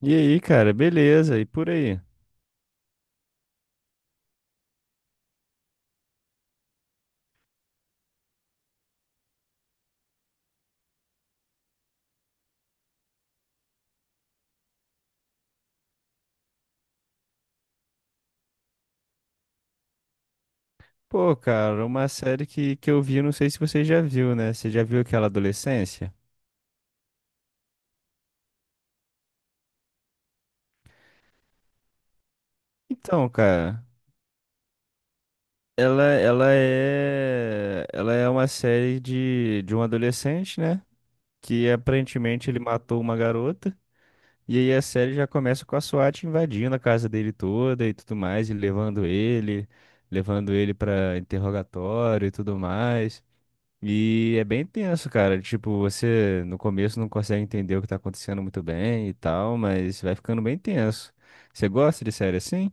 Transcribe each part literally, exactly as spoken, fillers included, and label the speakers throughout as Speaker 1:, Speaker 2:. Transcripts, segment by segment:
Speaker 1: E aí, cara, beleza? E por aí? Pô, cara, uma série que, que eu vi, não sei se você já viu, né? Você já viu aquela Adolescência? Então, cara, ela, ela é, ela é uma série de, de um adolescente, né? Que aparentemente ele matou uma garota. E aí a série já começa com a SWAT invadindo a casa dele toda e tudo mais, e levando ele, levando ele pra interrogatório e tudo mais. E é bem tenso, cara. Tipo, você no começo não consegue entender o que tá acontecendo muito bem e tal, mas vai ficando bem tenso. Você gosta de série assim?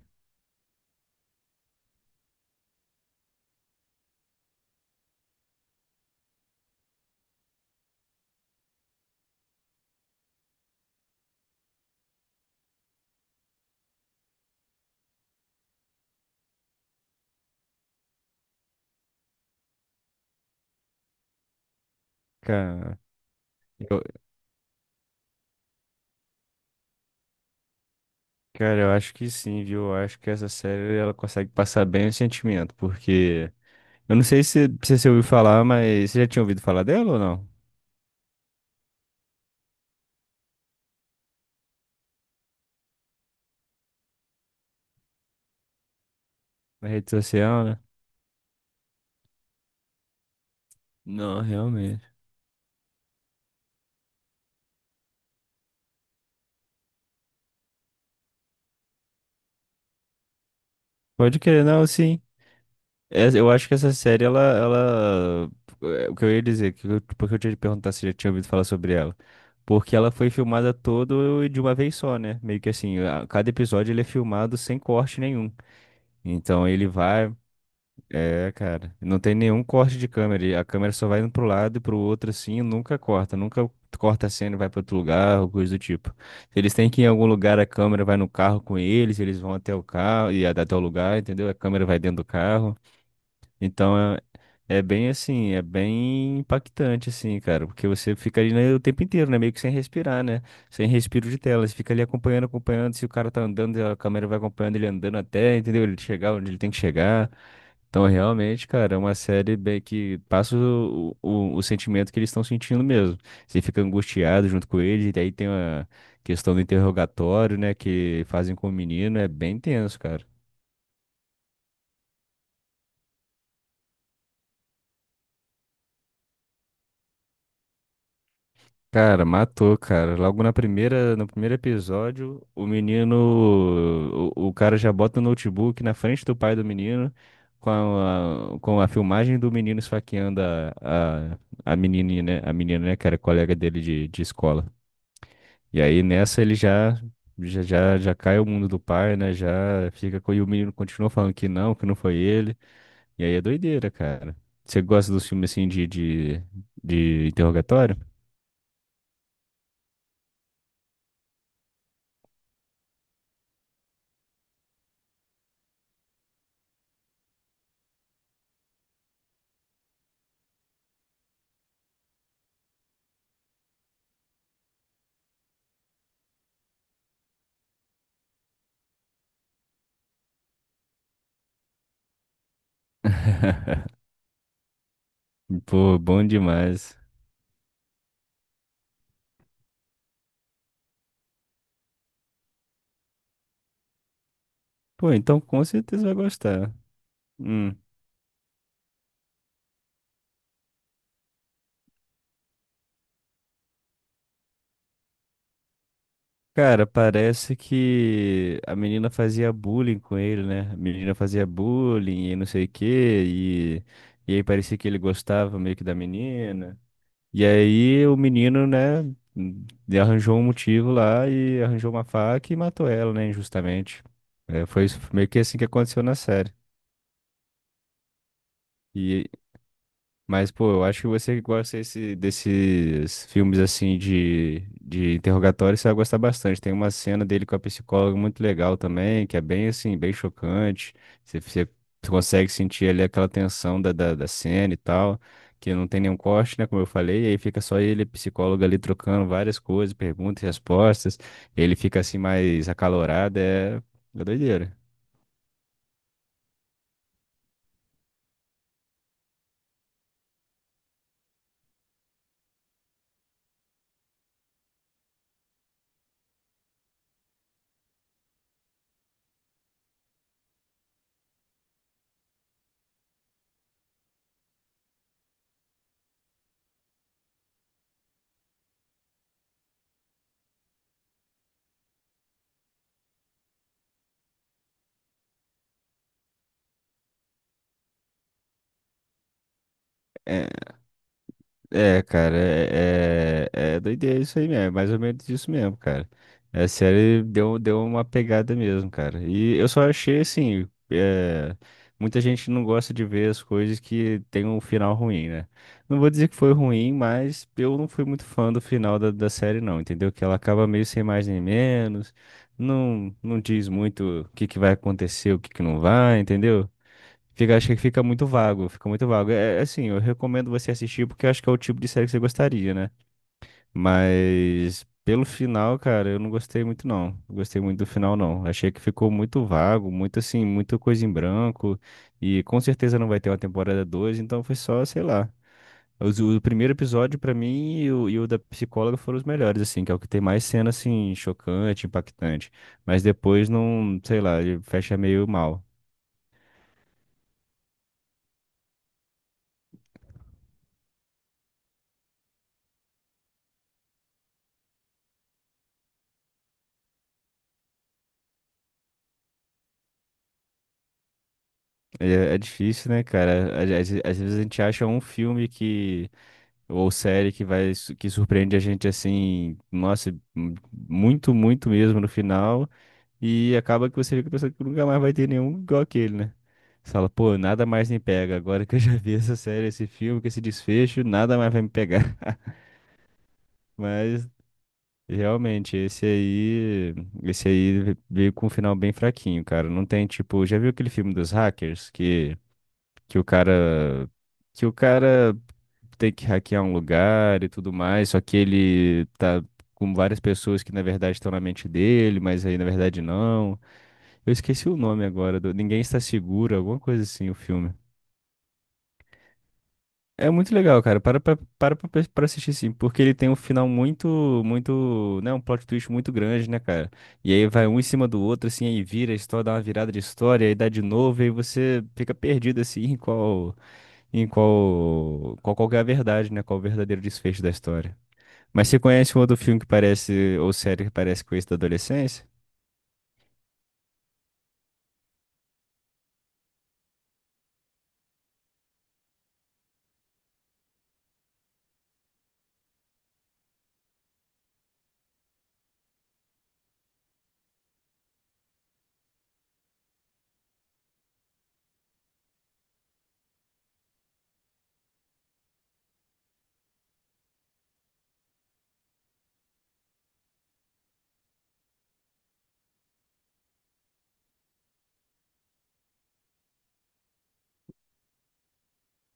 Speaker 1: Cara, eu, cara, eu acho que sim, viu? Eu acho que essa série ela consegue passar bem o sentimento, porque eu não sei se, se você ouviu falar, mas você já tinha ouvido falar dela ou não? Na rede social, né? Não, realmente. Pode querer, não, sim. Essa- Eu acho que essa série, ela, ela... é, O que eu ia dizer, que eu, porque eu tinha te perguntar se já tinha ouvido falar sobre ela. Porque ela foi filmada todo e de uma vez só, né? Meio que assim, a- cada episódio ele é filmado sem corte nenhum. Então ele vai... É, cara, não tem nenhum corte de câmera. e A câmera só vai indo pro lado e pro outro assim e nunca corta. Nunca corta a cena e vai pra outro lugar ou coisa do tipo. Se eles têm que ir em algum lugar, a câmera vai no carro com eles, eles vão até o carro e até o lugar, entendeu? A câmera vai dentro do carro. Então é, é bem assim, é bem impactante, assim, cara, porque você fica ali, né, o tempo inteiro, né? Meio que sem respirar, né? Sem respiro de tela. Você fica ali acompanhando, acompanhando. Se o cara tá andando, a câmera vai acompanhando ele andando até, entendeu? Ele chegar onde ele tem que chegar. Então, realmente, cara, é uma série bem que passa o, o, o sentimento que eles estão sentindo mesmo. Você fica angustiado junto com eles, e daí tem uma questão do interrogatório, né? Que fazem com o menino, é bem tenso, cara. Cara, matou, cara. Logo na primeira, no primeiro episódio, o menino, o, o cara já bota o notebook na frente do pai do menino, com a, com a filmagem do menino esfaqueando a, a, a menininha, né? A menina, né, cara, colega dele de, de escola. E aí nessa ele já, já, já, já cai o mundo do pai, né? Já fica com, e o menino continua falando que não, que não foi ele. E aí é doideira, cara. Você gosta dos filmes assim de, de, de interrogatório? Pô, bom demais. Pô, então com certeza vai gostar. Hum. Cara, parece que a menina fazia bullying com ele, né? A menina fazia bullying e não sei o quê, e, e aí parecia que ele gostava meio que da menina. E aí o menino, né, hum, arranjou um motivo lá e arranjou uma faca e matou ela, né, injustamente. É, foi isso- foi meio que assim que aconteceu na série. E, Mas, pô, eu acho que você que gosta esse- desses filmes assim de, de interrogatório, você vai gostar bastante. Tem uma cena dele com a psicóloga muito legal também, que é bem assim, bem chocante. Você, você consegue sentir ali aquela tensão da, da, da cena e tal, que não tem nenhum corte, né? Como eu falei, e aí fica só ele, e a psicóloga ali trocando várias coisas, perguntas e respostas. Ele fica assim mais acalorado, é, é doideira. É, cara, é, é, é doideira isso aí mesmo, é mais ou menos isso mesmo, cara. A série deu, deu uma pegada mesmo, cara. E eu só achei assim, é, muita gente não gosta de ver as coisas que tem um final ruim, né? Não vou dizer que foi ruim, mas eu não fui muito fã do final da, da série, não, entendeu? Que ela acaba meio sem mais nem menos, não, não diz muito o que que vai acontecer, o que que não vai, entendeu? Fica, acho que fica muito vago, fica muito vago. É, é assim, eu recomendo você assistir porque eu acho que é o tipo de série que você gostaria, né? Mas pelo final, cara, eu não gostei muito não. Não gostei muito do final não. Achei que ficou muito vago, muito assim, muita coisa em branco e com certeza não vai ter uma temporada dois. Então foi só, sei lá. Os- O primeiro episódio pra mim e o, e o da psicóloga foram os melhores, assim, que é o que tem mais cena assim chocante, impactante. Mas depois não, sei lá, ele fecha meio mal. É, é difícil, né, cara? Às, às- às vezes a gente acha um filme que ou série que vai su- que surpreende a gente assim, nossa, m- muito, muito mesmo no final e acaba que você fica pensando que nunca mais vai ter nenhum igual aquele, né? Você fala, pô, nada mais me pega. Agora que eu já vi essa série, esse filme, com esse desfecho, nada mais vai me pegar. Mas realmente, esse aí, esse aí veio com um final bem fraquinho, cara. Não tem tipo, já viu aquele filme dos hackers que que o cara que o cara tem que hackear um lugar e tudo mais, só que ele tá com várias pessoas que na verdade estão na mente dele, mas aí na verdade não. Eu esqueci o nome agora, do Ninguém Está Seguro, alguma coisa assim, o filme. É muito legal, cara. Para pra, para pra, pes- pra assistir sim, porque ele tem um final muito, muito, né, um plot twist muito grande, né, cara? E aí vai um em cima do outro assim, aí vira a história, dá uma virada de história, aí dá de novo, e aí você fica perdido assim, em qual em qual, qual, qual que é a verdade, né? Qual o verdadeiro desfecho da história. Mas você conhece um outro filme que parece, ou série que parece com isso da adolescência?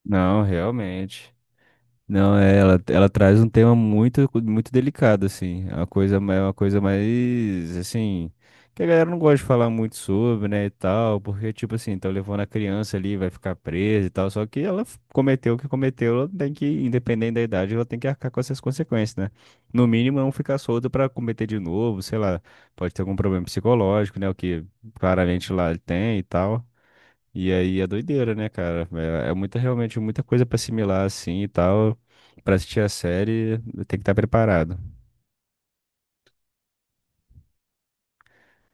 Speaker 1: Não, realmente. Não, é, ela, ela traz um tema muito, muito delicado, assim. É uma coisa, ma- é uma coisa mais, assim, que a galera não gosta de falar muito sobre, né, e tal, porque, tipo assim, tá levando a criança ali, vai ficar presa e tal, só que ela f- cometeu o que cometeu, ela tem que, independente da idade, ela tem que arcar com essas consequências, né? No mínimo, não ficar solta pra cometer de novo, sei lá, pode ter algum problema psicológico, né, o que claramente lá ele tem e tal. E aí é doideira, né, cara? É, é muita, realmente muita coisa pra assimilar assim e tal. Pra assistir a série, tem que estar preparado.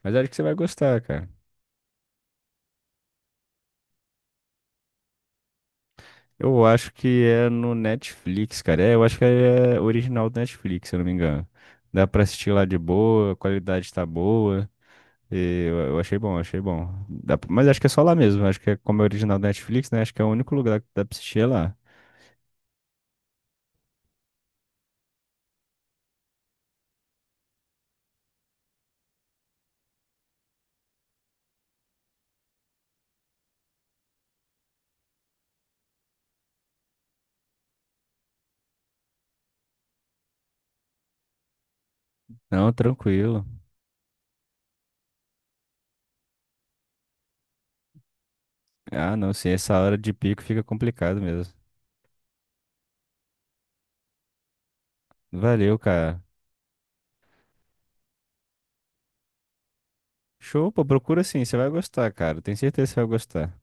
Speaker 1: Mas acho que você vai gostar, cara. Eu acho que é no Netflix, cara. É, eu acho que é original do Netflix, se eu não me engano. Dá pra assistir lá de boa, a qualidade tá boa. E eu, eu achei bom, achei bom. Dá pra- mas acho que é só lá mesmo. Acho que é como é original do Netflix, né? Acho que é o único lugar que dá pra assistir é lá. Não, tranquilo. Ah, não, sim, essa hora de pico fica complicado mesmo. Valeu, cara. Show, pô, procura sim, você vai gostar, cara. Tenho certeza que você vai gostar.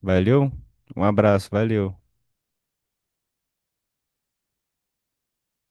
Speaker 1: Valeu, um abraço, valeu.